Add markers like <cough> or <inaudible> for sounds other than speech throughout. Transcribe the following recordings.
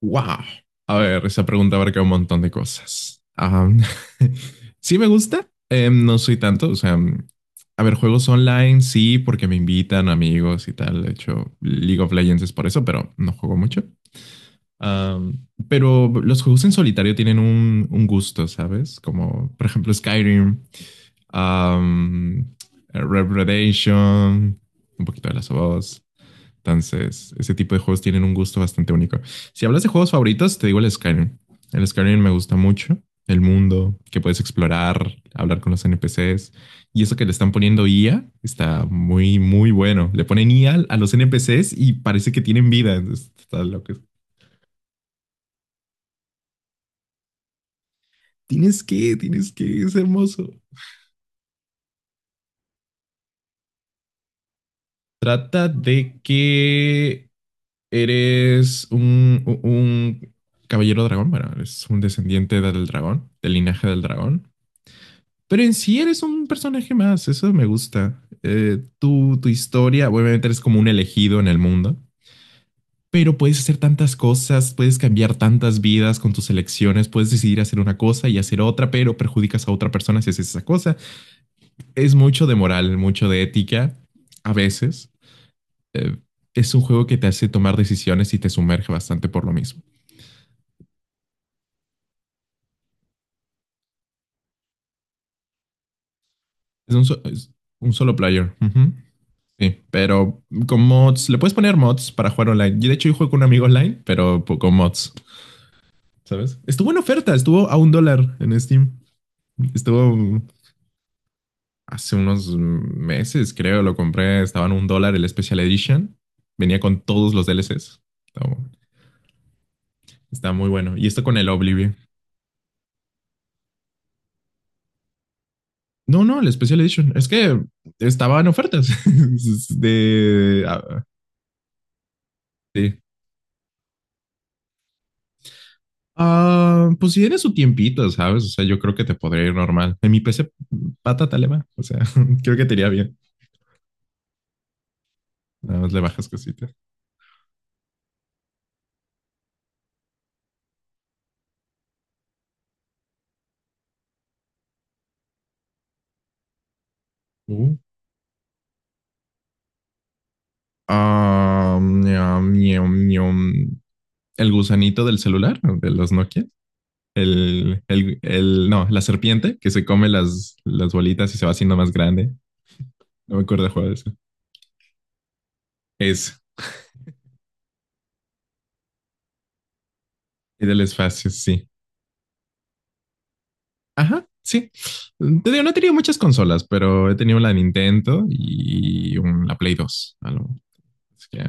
Wow. A ver, esa pregunta abarca un montón de cosas. <laughs> Sí me gusta, no soy tanto, o sea, a ver, juegos online sí, porque me invitan amigos y tal. De hecho, League of Legends es por eso, pero no juego mucho. Pero los juegos en solitario tienen un gusto, ¿sabes? Como, por ejemplo, Skyrim, am, Red Dead Redemption, un poquito de las of Us. Entonces, ese tipo de juegos tienen un gusto bastante único. Si hablas de juegos favoritos, te digo el Skyrim. El Skyrim me gusta mucho. El mundo que puedes explorar, hablar con los NPCs. Y eso que le están poniendo IA está muy, muy bueno. Le ponen IA a los NPCs y parece que tienen vida. Entonces, está loco. Tienes que, es hermoso. Trata de que eres un caballero dragón, bueno, eres un descendiente del dragón, del linaje del dragón. Pero en sí eres un personaje más, eso me gusta. Tú, tu historia, obviamente eres como un elegido en el mundo, pero puedes hacer tantas cosas, puedes cambiar tantas vidas con tus elecciones, puedes decidir hacer una cosa y hacer otra, pero perjudicas a otra persona si haces esa cosa. Es mucho de moral, mucho de ética, a veces. Eh, es un juego que te hace tomar decisiones y te sumerge bastante por lo mismo. Es un solo player. Ujú. Sí, pero con mods, le puedes poner mods para jugar online. Y de hecho, yo juego con un amigo online, pero con mods, ¿sabes? Estuvo en oferta, estuvo a un dólar en Steam. Estuvo hace unos meses, creo, lo compré, estaba en un dólar el Special Edition. Venía con todos los DLCs. Estaba- está muy bueno. Y esto con el Oblivion. No, no, el Special Edition. Es que estaba en ofertas <laughs> de, ah, sí, Ah, pues si tienes su tiempito, ¿sabes? O sea, yo creo que te podría ir normal. En mi PC, pata te le va. O sea, <laughs> creo que te iría bien. Nada más le bajas cositas. Uh. Ah, ñam, ñam, ñam. El gusanito del celular, de los Nokia. No, la serpiente que se come las bolitas y se va haciendo más grande. No me acuerdo de juego de eso. Es, y del espacio, sí. Ajá, sí. Te digo, no he tenido muchas consolas, pero he tenido la Nintendo y la Play dos. Algo. Así que,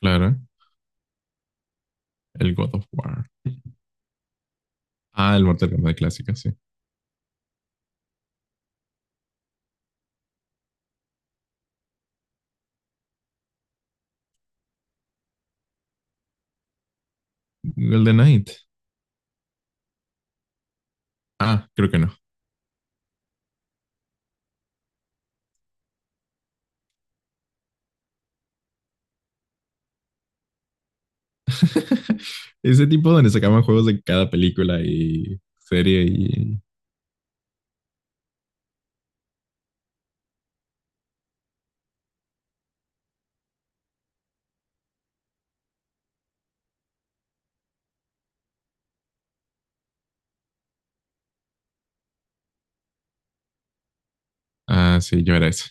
claro, el God of War. Ah, el Mortal Kombat clásico, sí. Golden Knight. Ah, creo que no. <laughs> Ese tipo donde sacaban juegos de cada película y serie y... Ah, sí, yo era eso.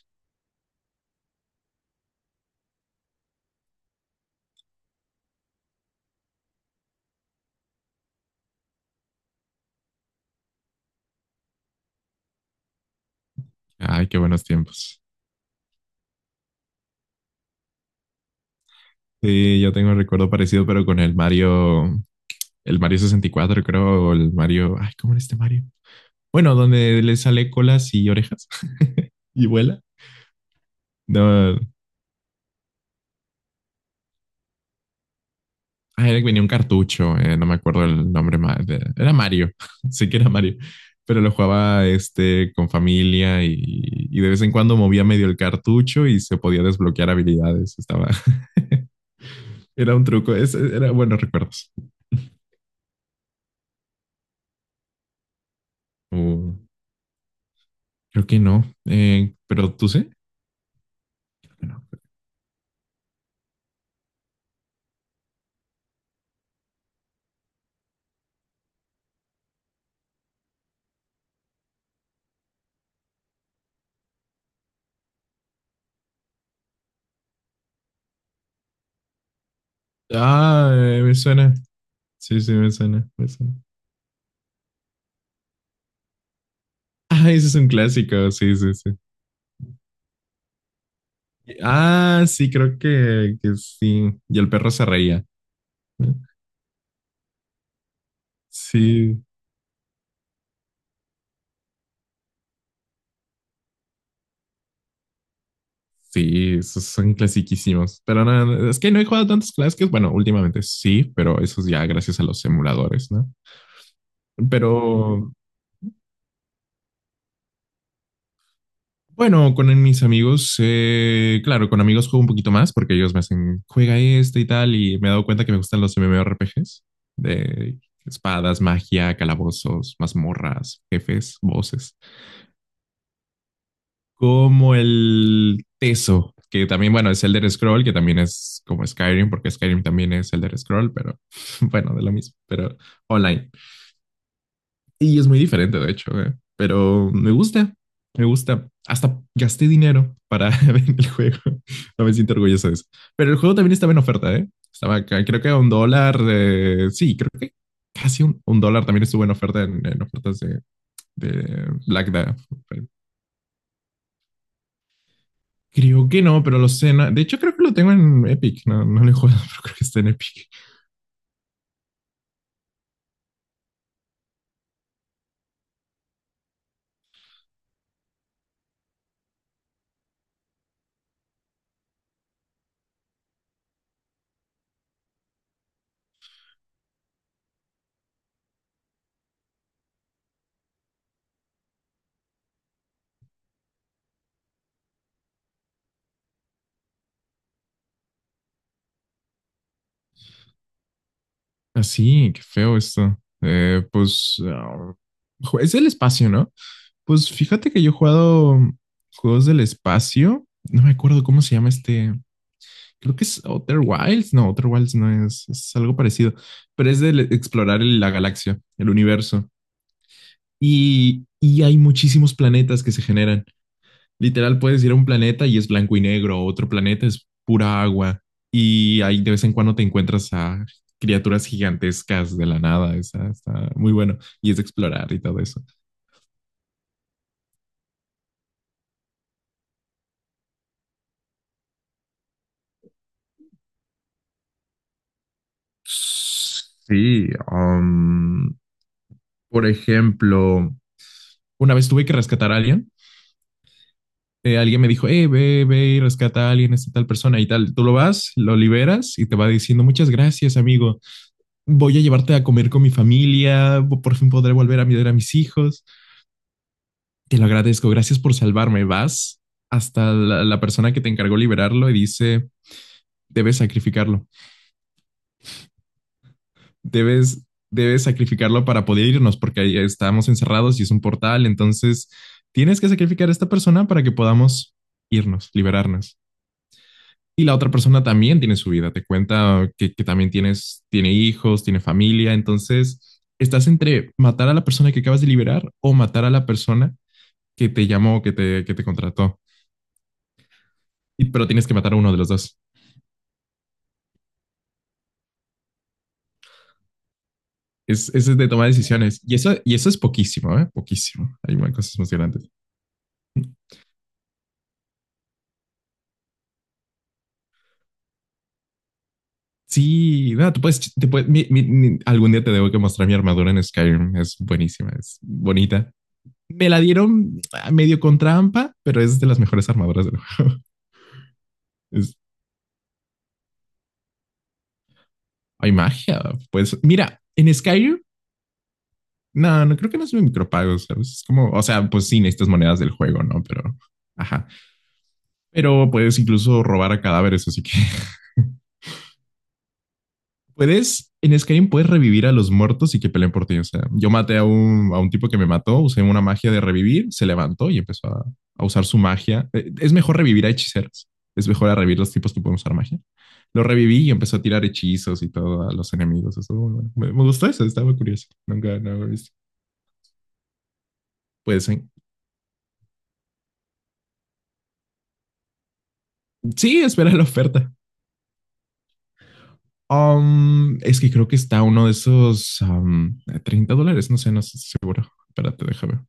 Ay, qué buenos tiempos. Sí, yo tengo un recuerdo parecido, pero con el Mario 64, creo, o el Mario, ay, ¿cómo era este Mario? Bueno, donde le sale colas y orejas <laughs> y vuela. No, era que venía un cartucho, no me acuerdo el nombre, era Mario, <laughs> sí que era Mario, pero lo jugaba este con familia y de vez en cuando movía medio el cartucho y se podía desbloquear habilidades, estaba, <laughs> era un truco, era buenos recuerdos. Uh, Creo que no. Pero tú sí. Creo que no. Ah, me suena. Sí, sí, me suena, me suena. Ah, ese es un clásico. Sí, sí, sí. Ah, sí, creo que sí. Y el perro se reía. Sí, sí, esos son clasiquísimos. Pero no, no, es que no he jugado tantos clásicos. Bueno, últimamente sí, pero eso es ya gracias a los emuladores, ¿no? Pero bueno, con mis amigos, claro, con amigos juego un poquito más porque ellos me hacen, juega este y tal, y me he dado cuenta que me gustan los MMORPGs de espadas, magia, calabozos, mazmorras, jefes, voces, como el Teso, que también, bueno, es Elder Scroll, que también es como Skyrim, porque Skyrim también es Elder Scroll, pero <laughs> bueno, de lo mismo, pero online. Y es muy diferente, de hecho, pero me gusta, me gusta. Hasta gasté dinero para <laughs> ver el juego. No me siento orgulloso de eso. Pero el juego también estaba en oferta, ¿eh? Estaba, acá, creo que a un dólar. Sí, creo que casi un dólar también estuvo en oferta en ofertas de Black Friday. Creo que no, pero lo sé. De hecho, creo que lo tengo en Epic. No, no lo he jugado, <laughs> pero creo que está en Epic. Así, qué feo esto. Eh, pues ah, es el espacio, ¿no? Pues fíjate que yo he jugado juegos del espacio. No me acuerdo cómo se llama este. Creo que es Outer Wilds. No, Outer Wilds no es, es algo parecido, pero es de explorar la galaxia, el universo. Y hay muchísimos planetas que se generan. Literal, puedes ir a un planeta y es blanco y negro, otro planeta es pura agua. Y ahí de vez en cuando te encuentras a criaturas gigantescas de la nada. Está, está muy bueno. Y es de explorar y todo eso. Sí, por ejemplo, una vez tuve que rescatar a alguien. Alguien me dijo, hey, ve, ve y rescata a alguien, esta tal persona y tal. Tú lo vas, lo liberas y te va diciendo, muchas gracias, amigo. Voy a llevarte a comer con mi familia. Por fin podré volver a mirar a mis hijos. Te lo agradezco. Gracias por salvarme. Vas hasta la, la persona que te encargó liberarlo y dice, debes sacrificarlo. Debes, debes sacrificarlo para poder irnos, porque ahí estamos encerrados y es un portal, entonces tienes que sacrificar a esta persona para que podamos irnos, liberarnos. Y la otra persona también tiene su vida, te cuenta que también tienes, tiene hijos, tiene familia, entonces estás entre matar a la persona que acabas de liberar o matar a la persona que te llamó, que te contrató, Y- pero tienes que matar a uno de los dos. Es de tomar decisiones. Y eso es poquísimo, ¿eh? Poquísimo. Hay más cosas más grandes. Sí, bueno, tú puedes, te puedes- algún día te debo que mostrar mi armadura en Skyrim. Es buenísima, es bonita. Me la dieron medio con trampa, pero es de las mejores armaduras del juego. <laughs> Es- hay magia. Pues mira, en Skyrim, no, no creo que no sea un micropago, ¿sabes? Es como, o sea, pues sí, necesitas monedas del juego, ¿no? Pero, ajá. Pero puedes incluso robar a cadáveres, así que <laughs> puedes, en Skyrim puedes revivir a los muertos y que peleen por ti. O sea, yo maté a un tipo que me mató, usé una magia de revivir, se levantó y empezó a usar su magia. Es mejor revivir a hechiceros. Es mejor a revivir los tipos que pueden usar magia. Lo reviví y empezó a tirar hechizos y todo a los enemigos. Eso, bueno, me gustó eso, estaba curioso. Nunca, no lo he visto. Pues sí, espera la oferta. Es que creo que está uno de esos $30. No sé, no sé. Espérate, déjame.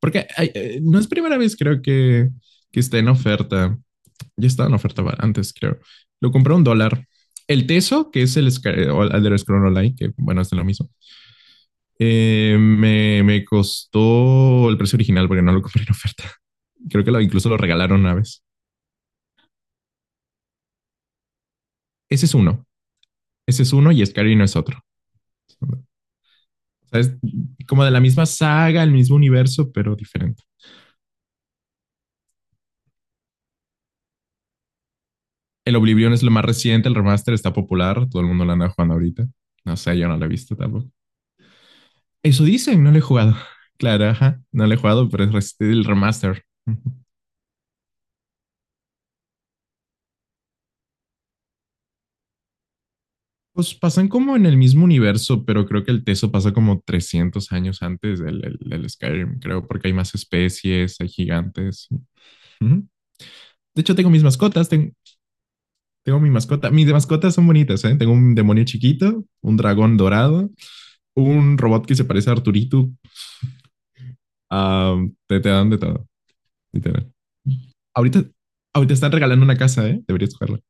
Porque no es primera vez, creo que está en oferta. Ya estaba en oferta antes, creo. Lo compré a un dólar. El Teso, que es el Sky- o el Elder Scrolls Online, que bueno, es lo mismo, me, me costó el precio original porque no lo compré en oferta. <laughs> Creo que lo, incluso lo regalaron una vez. Ese es uno. Ese es uno y Skyrim es otro. O sea, es como de la misma saga, el mismo universo, pero diferente. El Oblivion es lo más reciente, el remaster está popular, todo el mundo lo anda jugando ahorita. No sé, yo no lo he visto tampoco. Eso dicen, no lo he jugado. Claro, ajá, no lo he jugado, pero es el remaster. Ujú. Pues pasan como en el mismo universo, pero creo que el Teso pasa como 300 años antes del, del Skyrim, creo, porque hay más especies, hay gigantes. Ujú. De hecho, tengo mis mascotas, tengo mi mascota. Mis mascotas son bonitas, ¿eh? Tengo un demonio chiquito, un dragón dorado, un robot que se parece a Arturito. Ah, te dan de todo, literal. Ahorita, ahorita están regalando una casa, ¿eh? Deberías jugarla.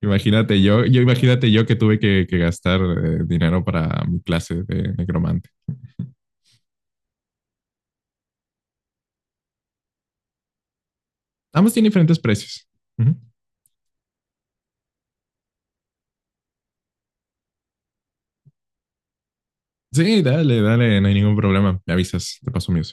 Imagínate yo, yo imagínate yo que tuve que gastar dinero para mi clase de necromante. Ambos tienen diferentes precios. Ujú. Sí, dale, dale, no hay ningún problema. Me avisas, te paso mío.